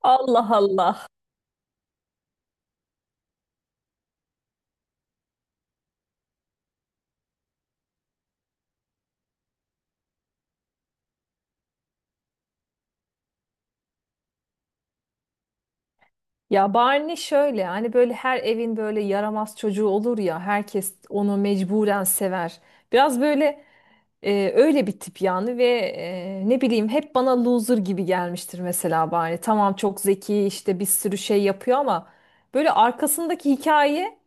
Allah Allah. Ya Barney şöyle hani böyle her evin böyle yaramaz çocuğu olur ya herkes onu mecburen sever. Biraz böyle öyle bir tip yani ve ne bileyim hep bana loser gibi gelmiştir mesela Barney. Tamam çok zeki işte bir sürü şey yapıyor ama böyle arkasındaki hikaye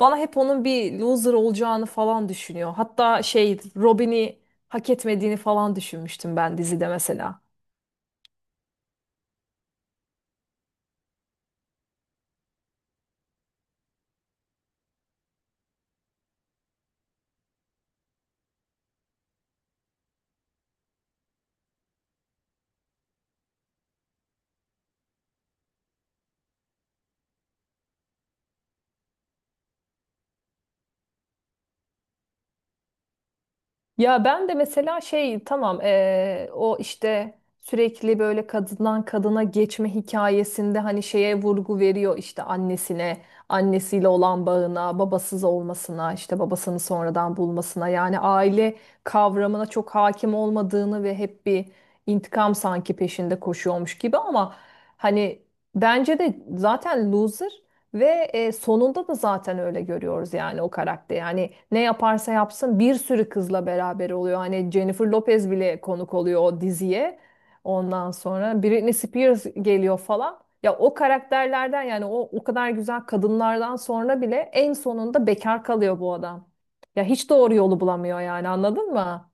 bana hep onun bir loser olacağını falan düşünüyor. Hatta şey Robin'i hak etmediğini falan düşünmüştüm ben dizide mesela. Ya ben de mesela şey tamam o işte sürekli böyle kadından kadına geçme hikayesinde hani şeye vurgu veriyor işte annesine, annesiyle olan bağına, babasız olmasına, işte babasını sonradan bulmasına yani aile kavramına çok hakim olmadığını ve hep bir intikam sanki peşinde koşuyormuş gibi ama hani bence de zaten loser ve sonunda da zaten öyle görüyoruz yani o karakteri. Yani ne yaparsa yapsın bir sürü kızla beraber oluyor. Hani Jennifer Lopez bile konuk oluyor o diziye. Ondan sonra Britney Spears geliyor falan. Ya o karakterlerden yani o kadar güzel kadınlardan sonra bile en sonunda bekar kalıyor bu adam. Ya hiç doğru yolu bulamıyor yani anladın mı?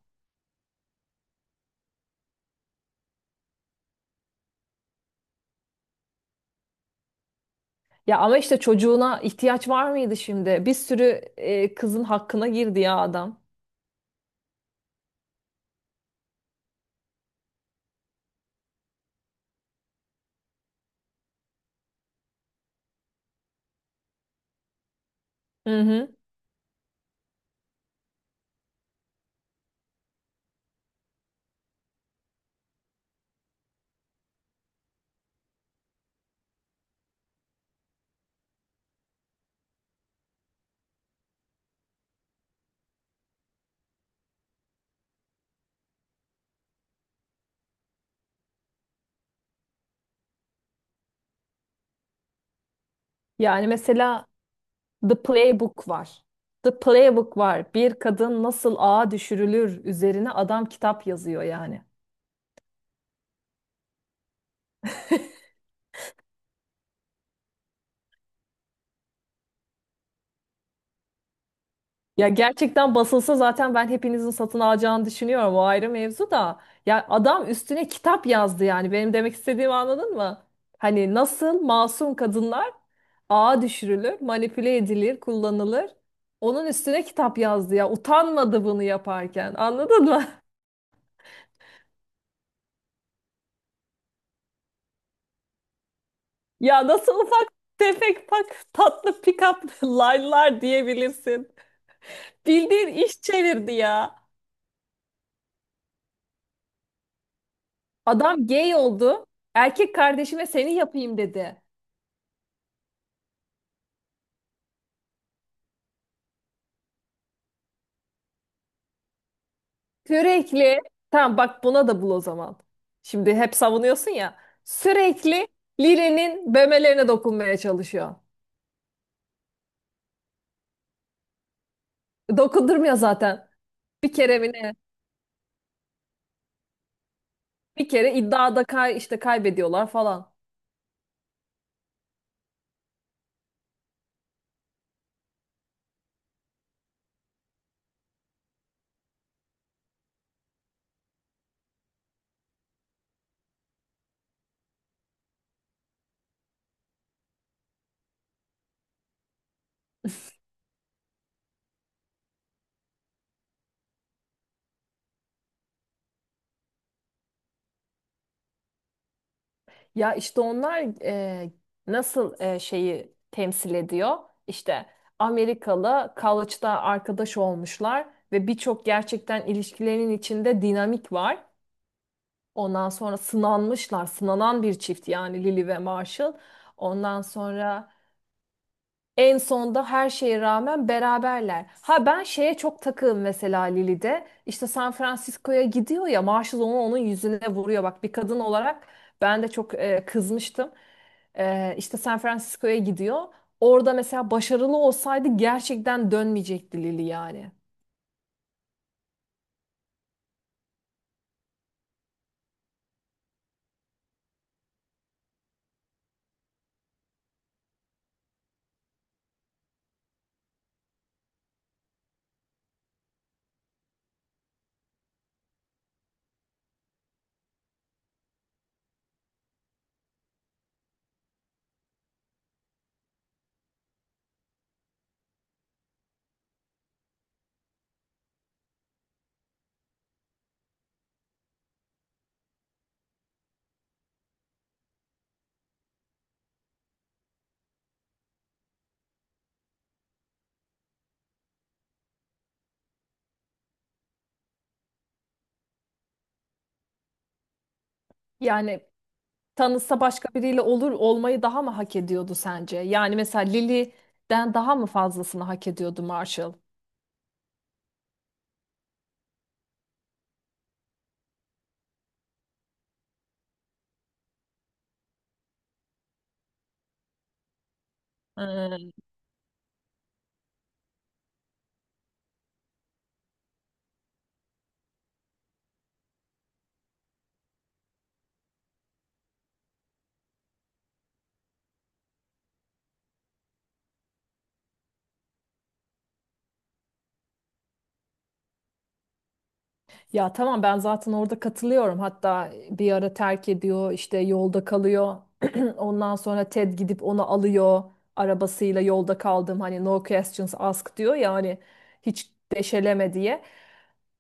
Ya ama işte çocuğuna ihtiyaç var mıydı şimdi? Bir sürü kızın hakkına girdi ya adam. Hı hı. Yani mesela The Playbook var. The Playbook var. Bir kadın nasıl ağa düşürülür üzerine adam kitap yazıyor yani. Ya gerçekten basılsa zaten ben hepinizin satın alacağını düşünüyorum. O ayrı mevzu da. Ya adam üstüne kitap yazdı yani. Benim demek istediğimi anladın mı? Hani nasıl masum kadınlar ağa düşürülür, manipüle edilir, kullanılır. Onun üstüne kitap yazdı ya. Utanmadı bunu yaparken. Anladın mı? Ya nasıl ufak tefek bak tatlı pick-up line'lar diyebilirsin. Bildiğin iş çevirdi ya. Adam gay oldu. Erkek kardeşime seni yapayım dedi. Sürekli tamam bak buna da bul o zaman. Şimdi hep savunuyorsun ya. Sürekli Lili'nin memelerine dokunmaya çalışıyor. Dokundurmuyor zaten. Bir kere mi ne? Bir kere iddiada kay işte kaybediyorlar falan. Ya işte onlar e, nasıl şeyi temsil ediyor? İşte Amerikalı college'da arkadaş olmuşlar ve birçok gerçekten ilişkilerin içinde dinamik var. Ondan sonra sınanmışlar, sınanan bir çift yani Lily ve Marshall. Ondan sonra en sonda her şeye rağmen beraberler. Ha ben şeye çok takığım mesela Lili'de. İşte San Francisco'ya gidiyor ya Marshall onu onun yüzüne vuruyor. Bak bir kadın olarak ben de çok kızmıştım. E, işte San Francisco'ya gidiyor. Orada mesela başarılı olsaydı gerçekten dönmeyecekti Lili yani. Yani tanışsa başka biriyle olur olmayı daha mı hak ediyordu sence? Yani mesela Lily'den daha mı fazlasını hak ediyordu Marshall? Ee, Ya tamam ben zaten orada katılıyorum. Hatta bir ara terk ediyor, işte yolda kalıyor. Ondan sonra Ted gidip onu alıyor. Arabasıyla yolda kaldım hani no questions asked diyor ya hani hiç deşeleme diye.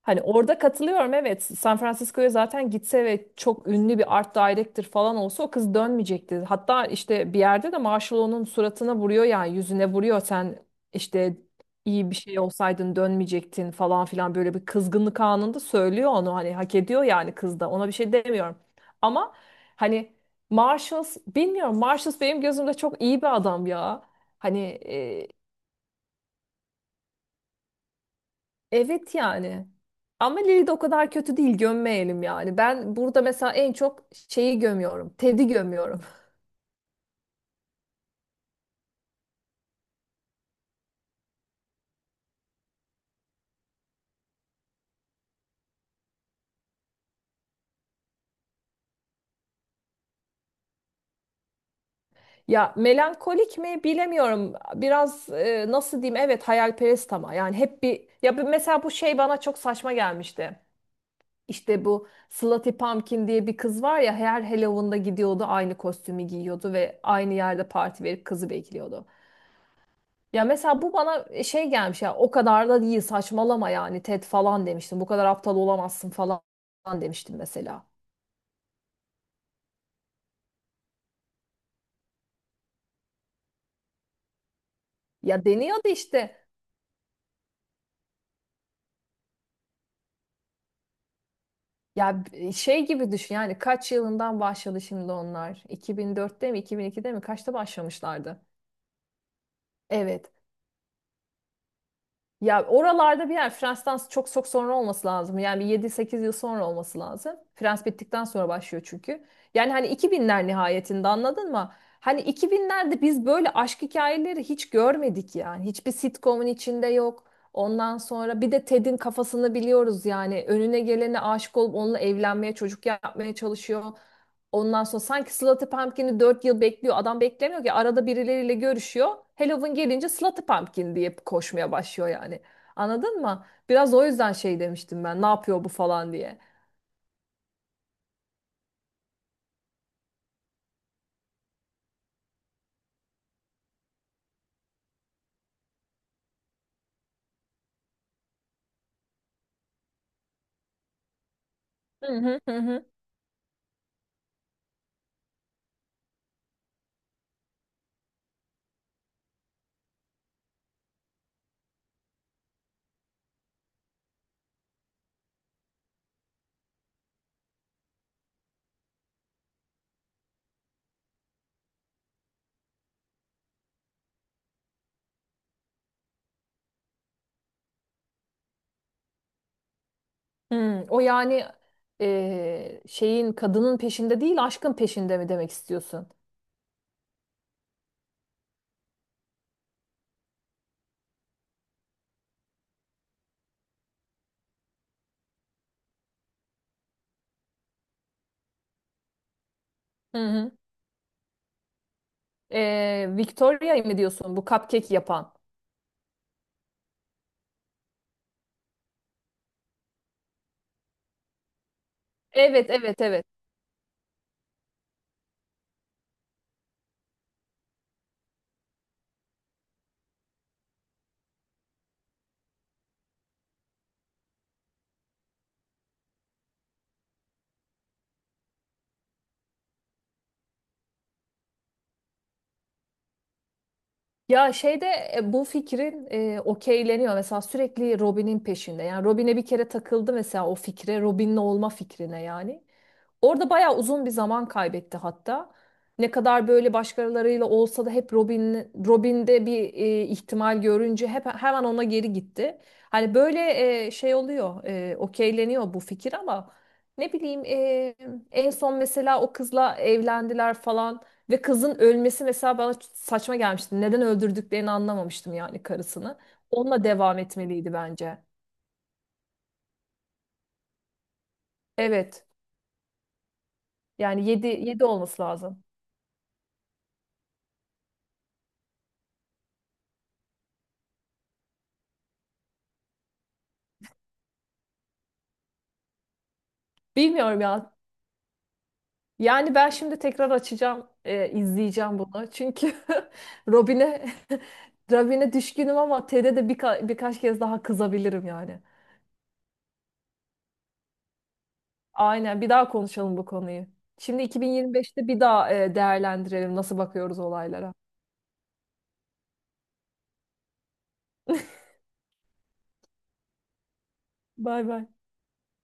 Hani orada katılıyorum evet. San Francisco'ya zaten gitse ve çok ünlü bir art director falan olsa o kız dönmeyecekti. Hatta işte bir yerde de Marshall onun suratına vuruyor yani yüzüne vuruyor sen işte iyi bir şey olsaydın dönmeyecektin falan filan böyle bir kızgınlık anında söylüyor onu hani hak ediyor yani kız da ona bir şey demiyorum. Ama hani Marshalls bilmiyorum Marshalls benim gözümde çok iyi bir adam ya. Hani evet yani. Ama Lily de o kadar kötü değil gömmeyelim yani. Ben burada mesela en çok şeyi gömüyorum. Ted'i gömüyorum. Ya melankolik mi bilemiyorum. Biraz nasıl diyeyim evet hayalperest ama yani hep bir ya mesela bu şey bana çok saçma gelmişti. İşte bu Slutty Pumpkin diye bir kız var ya her Halloween'da gidiyordu aynı kostümü giyiyordu ve aynı yerde parti verip kızı bekliyordu. Ya mesela bu bana şey gelmiş ya o kadar da değil saçmalama yani Ted falan demiştim. Bu kadar aptal olamazsın falan demiştim mesela. Ya deniyordu işte. Ya şey gibi düşün yani kaç yılından başladı şimdi onlar? 2004'te mi 2002'de mi kaçta başlamışlardı? Evet. Ya oralarda bir yer Frens'ten çok çok sonra olması lazım. Yani bir 7-8 yıl sonra olması lazım. Frans bittikten sonra başlıyor çünkü. Yani hani 2000'ler nihayetinde anladın mı? Hani 2000'lerde biz böyle aşk hikayeleri hiç görmedik yani. Hiçbir sitcomun içinde yok. Ondan sonra bir de Ted'in kafasını biliyoruz yani. Önüne gelene aşık olup onunla evlenmeye, çocuk yapmaya çalışıyor. Ondan sonra sanki Slaughter Pumpkin'i 4 yıl bekliyor. Adam beklemiyor ki arada birileriyle görüşüyor. Halloween gelince Slaughter Pumpkin diye koşmaya başlıyor yani. Anladın mı? Biraz o yüzden şey demiştim ben. Ne yapıyor bu falan diye. Hı hı hı hı. Hı, o yani şeyin kadının peşinde değil aşkın peşinde mi demek istiyorsun? Hı hı. Victoria'yı mı diyorsun bu cupcake yapan? Evet evet evet. Ya şeyde bu fikrin okeyleniyor. Mesela sürekli Robin'in peşinde. Yani Robin'e bir kere takıldı mesela o fikre. Robin'le olma fikrine yani. Orada bayağı uzun bir zaman kaybetti hatta. Ne kadar böyle başkalarıyla olsa da hep Robin, Robin'de bir ihtimal görünce hep hemen ona geri gitti. Hani böyle şey oluyor, okeyleniyor bu fikir ama ne bileyim en son mesela o kızla evlendiler falan. Ve kızın ölmesi mesela bana saçma gelmişti. Neden öldürdüklerini anlamamıştım yani karısını. Onunla devam etmeliydi bence. Evet. Yani 7 7 olması lazım. Bilmiyorum ya. Yani ben şimdi tekrar açacağım, izleyeceğim bunu. Çünkü Robin'e Robin'e düşkünüm ama Ted'e de birkaç kez daha kızabilirim yani. Aynen. Bir daha konuşalım bu konuyu. Şimdi 2025'te bir daha değerlendirelim nasıl bakıyoruz olaylara. Bay bay.